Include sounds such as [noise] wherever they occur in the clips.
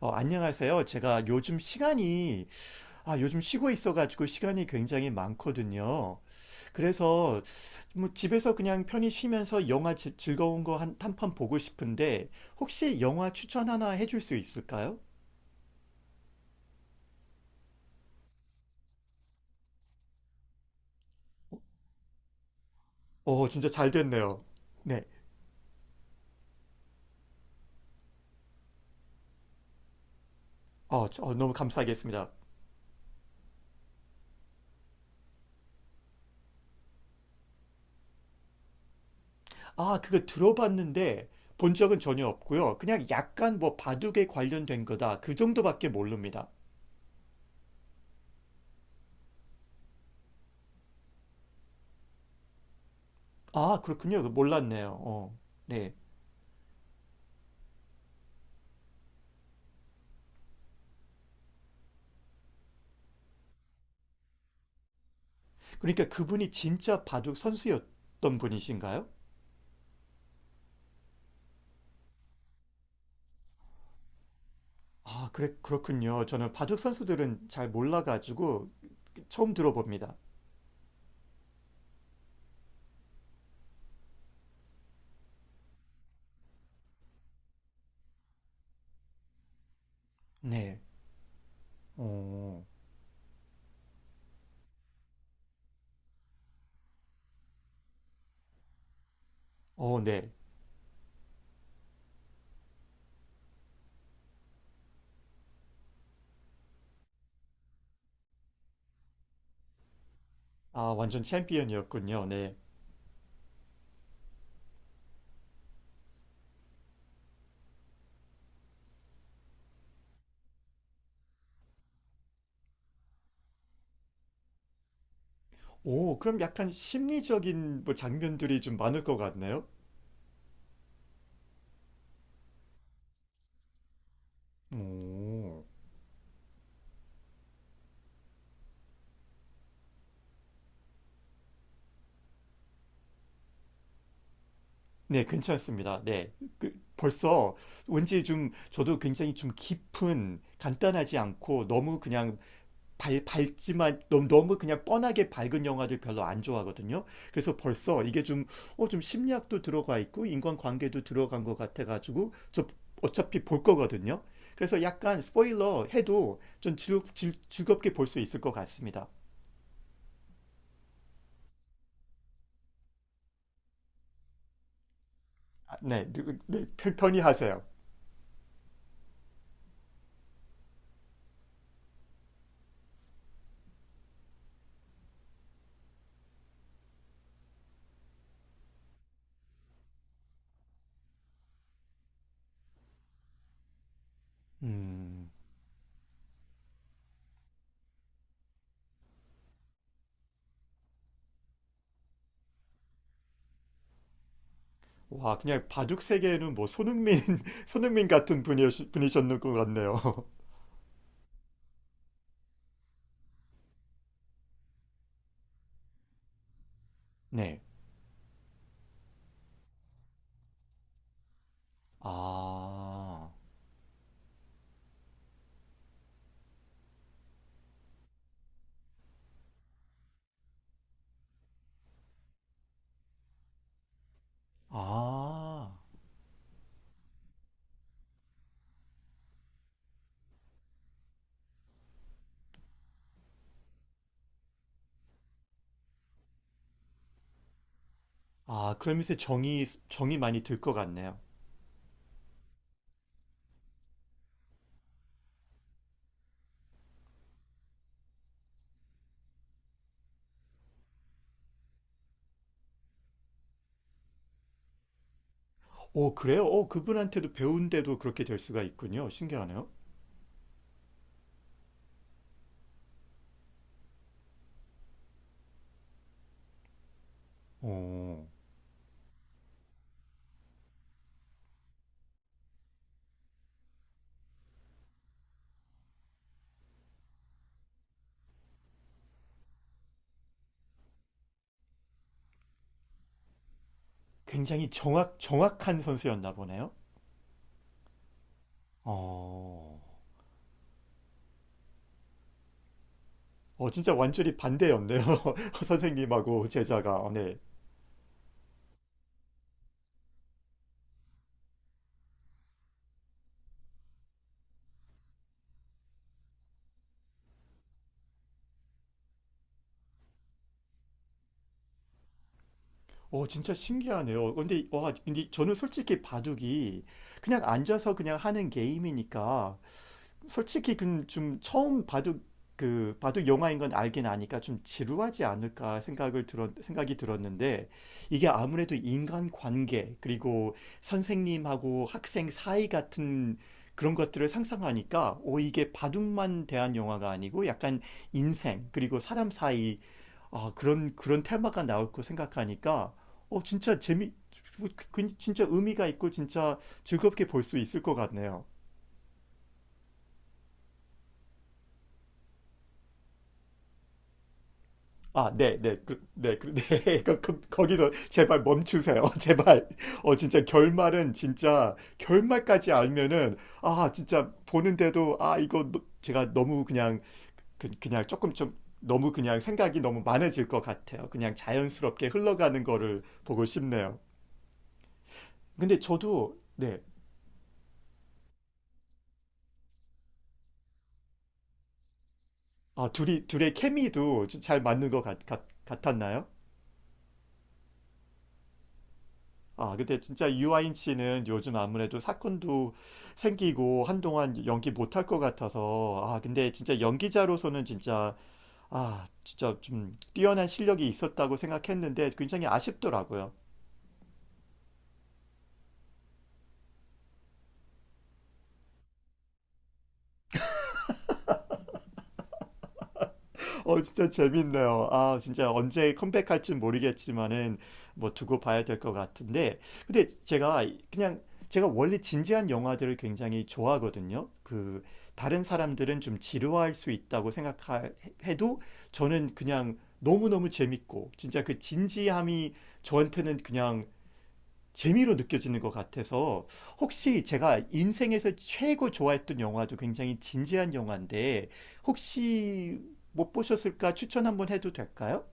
안녕하세요. 제가 요즘 시간이, 아, 요즘 쉬고 있어가지고 시간이 굉장히 많거든요. 그래서 뭐 집에서 그냥 편히 쉬면서 즐거운 거 한 편 보고 싶은데, 혹시 영화 추천 하나 해줄 수 있을까요? 어, 진짜 잘 됐네요. 네. 너무 감사하겠습니다. 아, 그거 들어봤는데 본 적은 전혀 없고요. 그냥 약간 뭐 바둑에 관련된 거다. 그 정도밖에 모릅니다. 아, 그렇군요. 몰랐네요. 어, 네. 그러니까 그분이 진짜 바둑 선수였던 분이신가요? 아, 그렇군요. 저는 바둑 선수들은 잘 몰라가지고 처음 들어봅니다. 네. 어, 네. 아, 완전 챔피언이었군요. 네. 오, 그럼 약간 심리적인 뭐 장면들이 좀 많을 것 같네요. 오. 네, 괜찮습니다. 네. 그, 벌써 왠지 좀 저도 굉장히 좀 깊은, 간단하지 않고 너무 그냥 밝지만 너무 그냥 뻔하게 밝은 영화들 별로 안 좋아하거든요. 그래서 벌써 이게 좀, 어, 좀 심리학도 들어가 있고 인간관계도 들어간 것 같아가지고 저 어차피 볼 거거든요. 그래서 약간 스포일러 해도 좀 즐겁게 볼 수 있을 것 같습니다. 아, 네, 편히 하세요. 음, 와, 그냥 바둑 세계에는 뭐 손흥민, [laughs] 손흥민 같은 분이셨는 것 같네요. [laughs] 네. 아, 아. 아, 그러면서 정이 많이 들 것 같네요. 오, 그래요? 오, 그분한테도 배운데도 그렇게 될 수가 있군요. 신기하네요. 오, 굉장히 정확한 선수였나 보네요. 어, 진짜 완전히 반대였네요. [laughs] 선생님하고 제자가. 어, 네. 오, 진짜 신기하네요. 근데, 와, 근데 저는 솔직히 바둑이 그냥 앉아서 그냥 하는 게임이니까 솔직히 그 좀 처음 바둑 그 바둑 영화인 건 알긴 아니까 좀 지루하지 않을까 생각을 들었 생각이 들었는데 이게 아무래도 인간 관계 그리고 선생님하고 학생 사이 같은 그런 것들을 상상하니까 오 이게 바둑만 대한 영화가 아니고 약간 인생 그리고 사람 사이 아 그런 테마가 나올 거 생각하니까 어 진짜 재미 뭐 그 진짜 의미가 있고 진짜 즐겁게 볼 수 있을 것 같네요. 아, 네, 네, 그, 네, 그, 네. [laughs] 그, 그, 거기서 제발 멈추세요. [laughs] 제발. 어, 진짜 결말은 진짜 결말까지 알면은 아, 진짜 보는데도 아, 이거 제가 너무 그냥 그, 그냥 조금 좀 너무 그냥 생각이 너무 많아질 것 같아요. 그냥 자연스럽게 흘러가는 거를 보고 싶네요. 근데 저도 네. 아, 둘이 둘의 케미도 잘 맞는 것 같았나요? 아, 근데 진짜 유아인 씨는 요즘 아무래도 사건도 생기고 한동안 연기 못할 것 같아서, 아, 근데 진짜 연기자로서는 진짜, 아, 진짜 좀 뛰어난 실력이 있었다고 생각했는데 굉장히 아쉽더라고요. 어, 진짜 재밌네요. 아, 진짜 언제 컴백할진 모르겠지만은 뭐 두고 봐야 될 것 같은데. 근데 제가 그냥 제가 원래 진지한 영화들을 굉장히 좋아하거든요. 그 다른 사람들은 좀 지루할 수 있다고 생각해도 저는 그냥 너무너무 재밌고 진짜 그 진지함이 저한테는 그냥 재미로 느껴지는 것 같아서 혹시 제가 인생에서 최고 좋아했던 영화도 굉장히 진지한 영화인데 혹시 못 보셨을까 추천 한번 해도 될까요?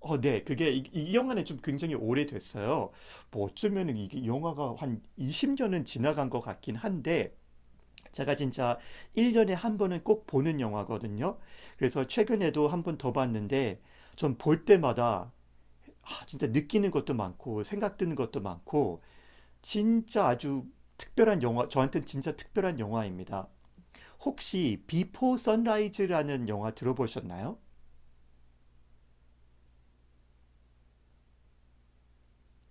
어, 네. 그게 이 영화는 좀 굉장히 오래됐어요. 뭐 어쩌면 이게 영화가 한 20년은 지나간 것 같긴 한데 제가 진짜 1년에 한 번은 꼭 보는 영화거든요. 그래서 최근에도 한 번 더 봤는데 전 볼 때마다 아, 진짜 느끼는 것도 많고 생각 드는 것도 많고 진짜 아주 특별한 영화, 저한테는 진짜 특별한 영화입니다. 혹시 비포 선라이즈라는 영화 들어보셨나요?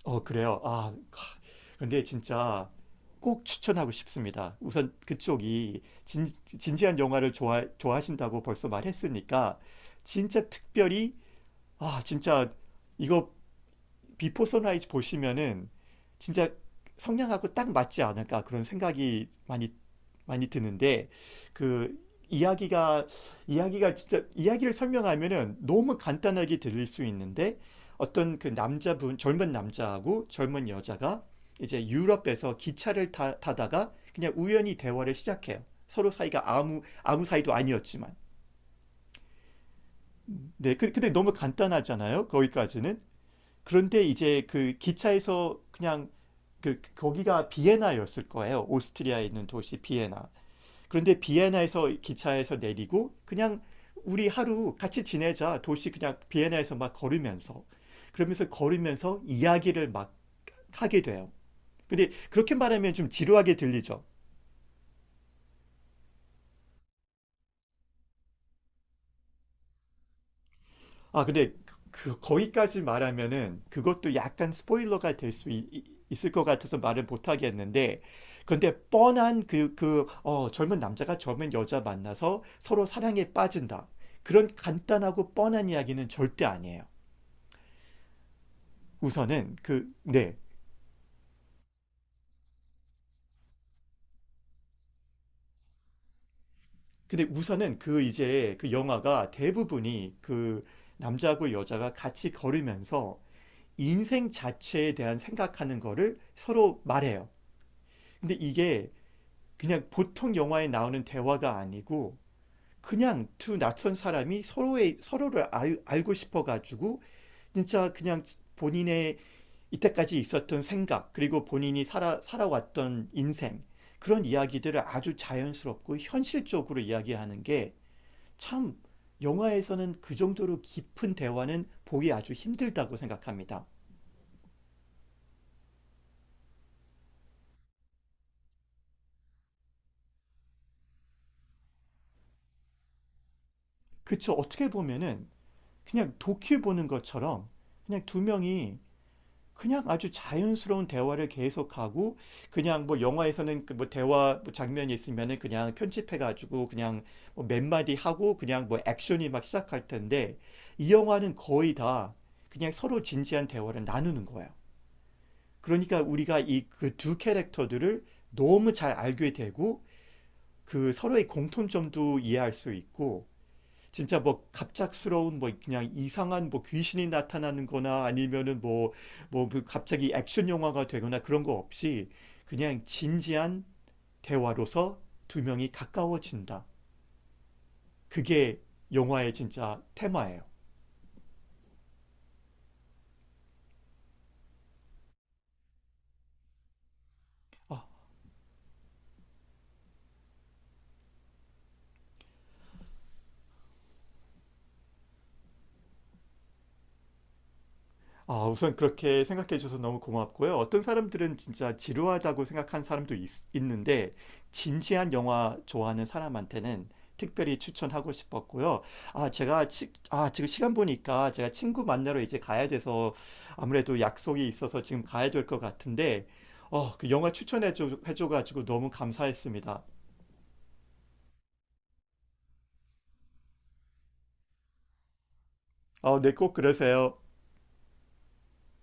어, 그래요. 아, 근데 진짜 꼭 추천하고 싶습니다. 우선 그쪽이 진지한 영화를 좋아하신다고 벌써 말했으니까 진짜 특별히 아, 진짜 이거 비포 선라이즈 보시면은 진짜 성량하고 딱 맞지 않을까 그런 생각이 많이 드는데 그 이야기가 이야기가 진짜 이야기를 설명하면은 너무 간단하게 들릴 수 있는데 어떤 그 남자분 젊은 남자하고 젊은 여자가 이제 유럽에서 기차를 타다가 그냥 우연히 대화를 시작해요. 서로 사이가 아무 사이도 아니었지만. 네, 그, 근데 너무 간단하잖아요. 거기까지는. 그런데 이제 그 기차에서 그냥 그 거기가 비에나였을 거예요. 오스트리아에 있는 도시 비에나. 그런데 비에나에서 기차에서 내리고 그냥 우리 하루 같이 지내자. 도시 그냥 비에나에서 막 걸으면서 그러면서 걸으면서 이야기를 막 하게 돼요. 근데 그렇게 말하면 좀 지루하게 들리죠. 아, 근데 그, 거기까지 말하면은 그것도 약간 스포일러가 될 수 있을 것 같아서 말을 못 하겠는데, 근데 뻔한 그, 그, 어, 젊은 남자가 젊은 여자 만나서 서로 사랑에 빠진다. 그런 간단하고 뻔한 이야기는 절대 아니에요. 우선은 그, 네. 근데 우선은 그 이제 그 영화가 대부분이 그 남자하고 여자가 같이 걸으면서 인생 자체에 대한 생각하는 거를 서로 말해요. 근데 이게 그냥 보통 영화에 나오는 대화가 아니고 그냥 두 낯선 사람이 서로의 서로를 알고 싶어 가지고 진짜 그냥 본인의 이때까지 있었던 생각 그리고 본인이 살아왔던 인생 그런 이야기들을 아주 자연스럽고 현실적으로 이야기하는 게 참 영화에서는 그 정도로 깊은 대화는 보기 아주 힘들다고 생각합니다. 그쵸? 어떻게 보면은 그냥 도큐 보는 것처럼 그냥 두 명이 그냥 아주 자연스러운 대화를 계속하고 그냥 뭐 영화에서는 그뭐 대화 뭐 장면이 있으면은 그냥 편집해가지고 그냥 뭐몇 마디 하고 그냥 뭐 액션이 막 시작할 텐데 이 영화는 거의 다 그냥 서로 진지한 대화를 나누는 거예요. 그러니까 우리가 이 그 두 캐릭터들을 너무 잘 알게 되고 그 서로의 공통점도 이해할 수 있고 진짜 뭐 갑작스러운 뭐 그냥 이상한 뭐 귀신이 나타나는 거나 아니면은 뭐뭐 그 갑자기 액션 영화가 되거나 그런 거 없이 그냥 진지한 대화로서 두 명이 가까워진다. 그게 영화의 진짜 테마예요. 아, 아, 우선 그렇게 생각해 주셔서 너무 고맙고요. 어떤 사람들은 진짜 지루하다고 생각한 사람도 있, 는데 진지한 영화 좋아하는 사람한테는 특별히 추천하고 싶었고요. 아, 아, 지금 시간 보니까 제가 친구 만나러 이제 가야 돼서 아무래도 약속이 있어서 지금 가야 될 것 같은데, 어, 그 영화 해줘가지고 너무 감사했습니다. 어, 네, 꼭 그러세요.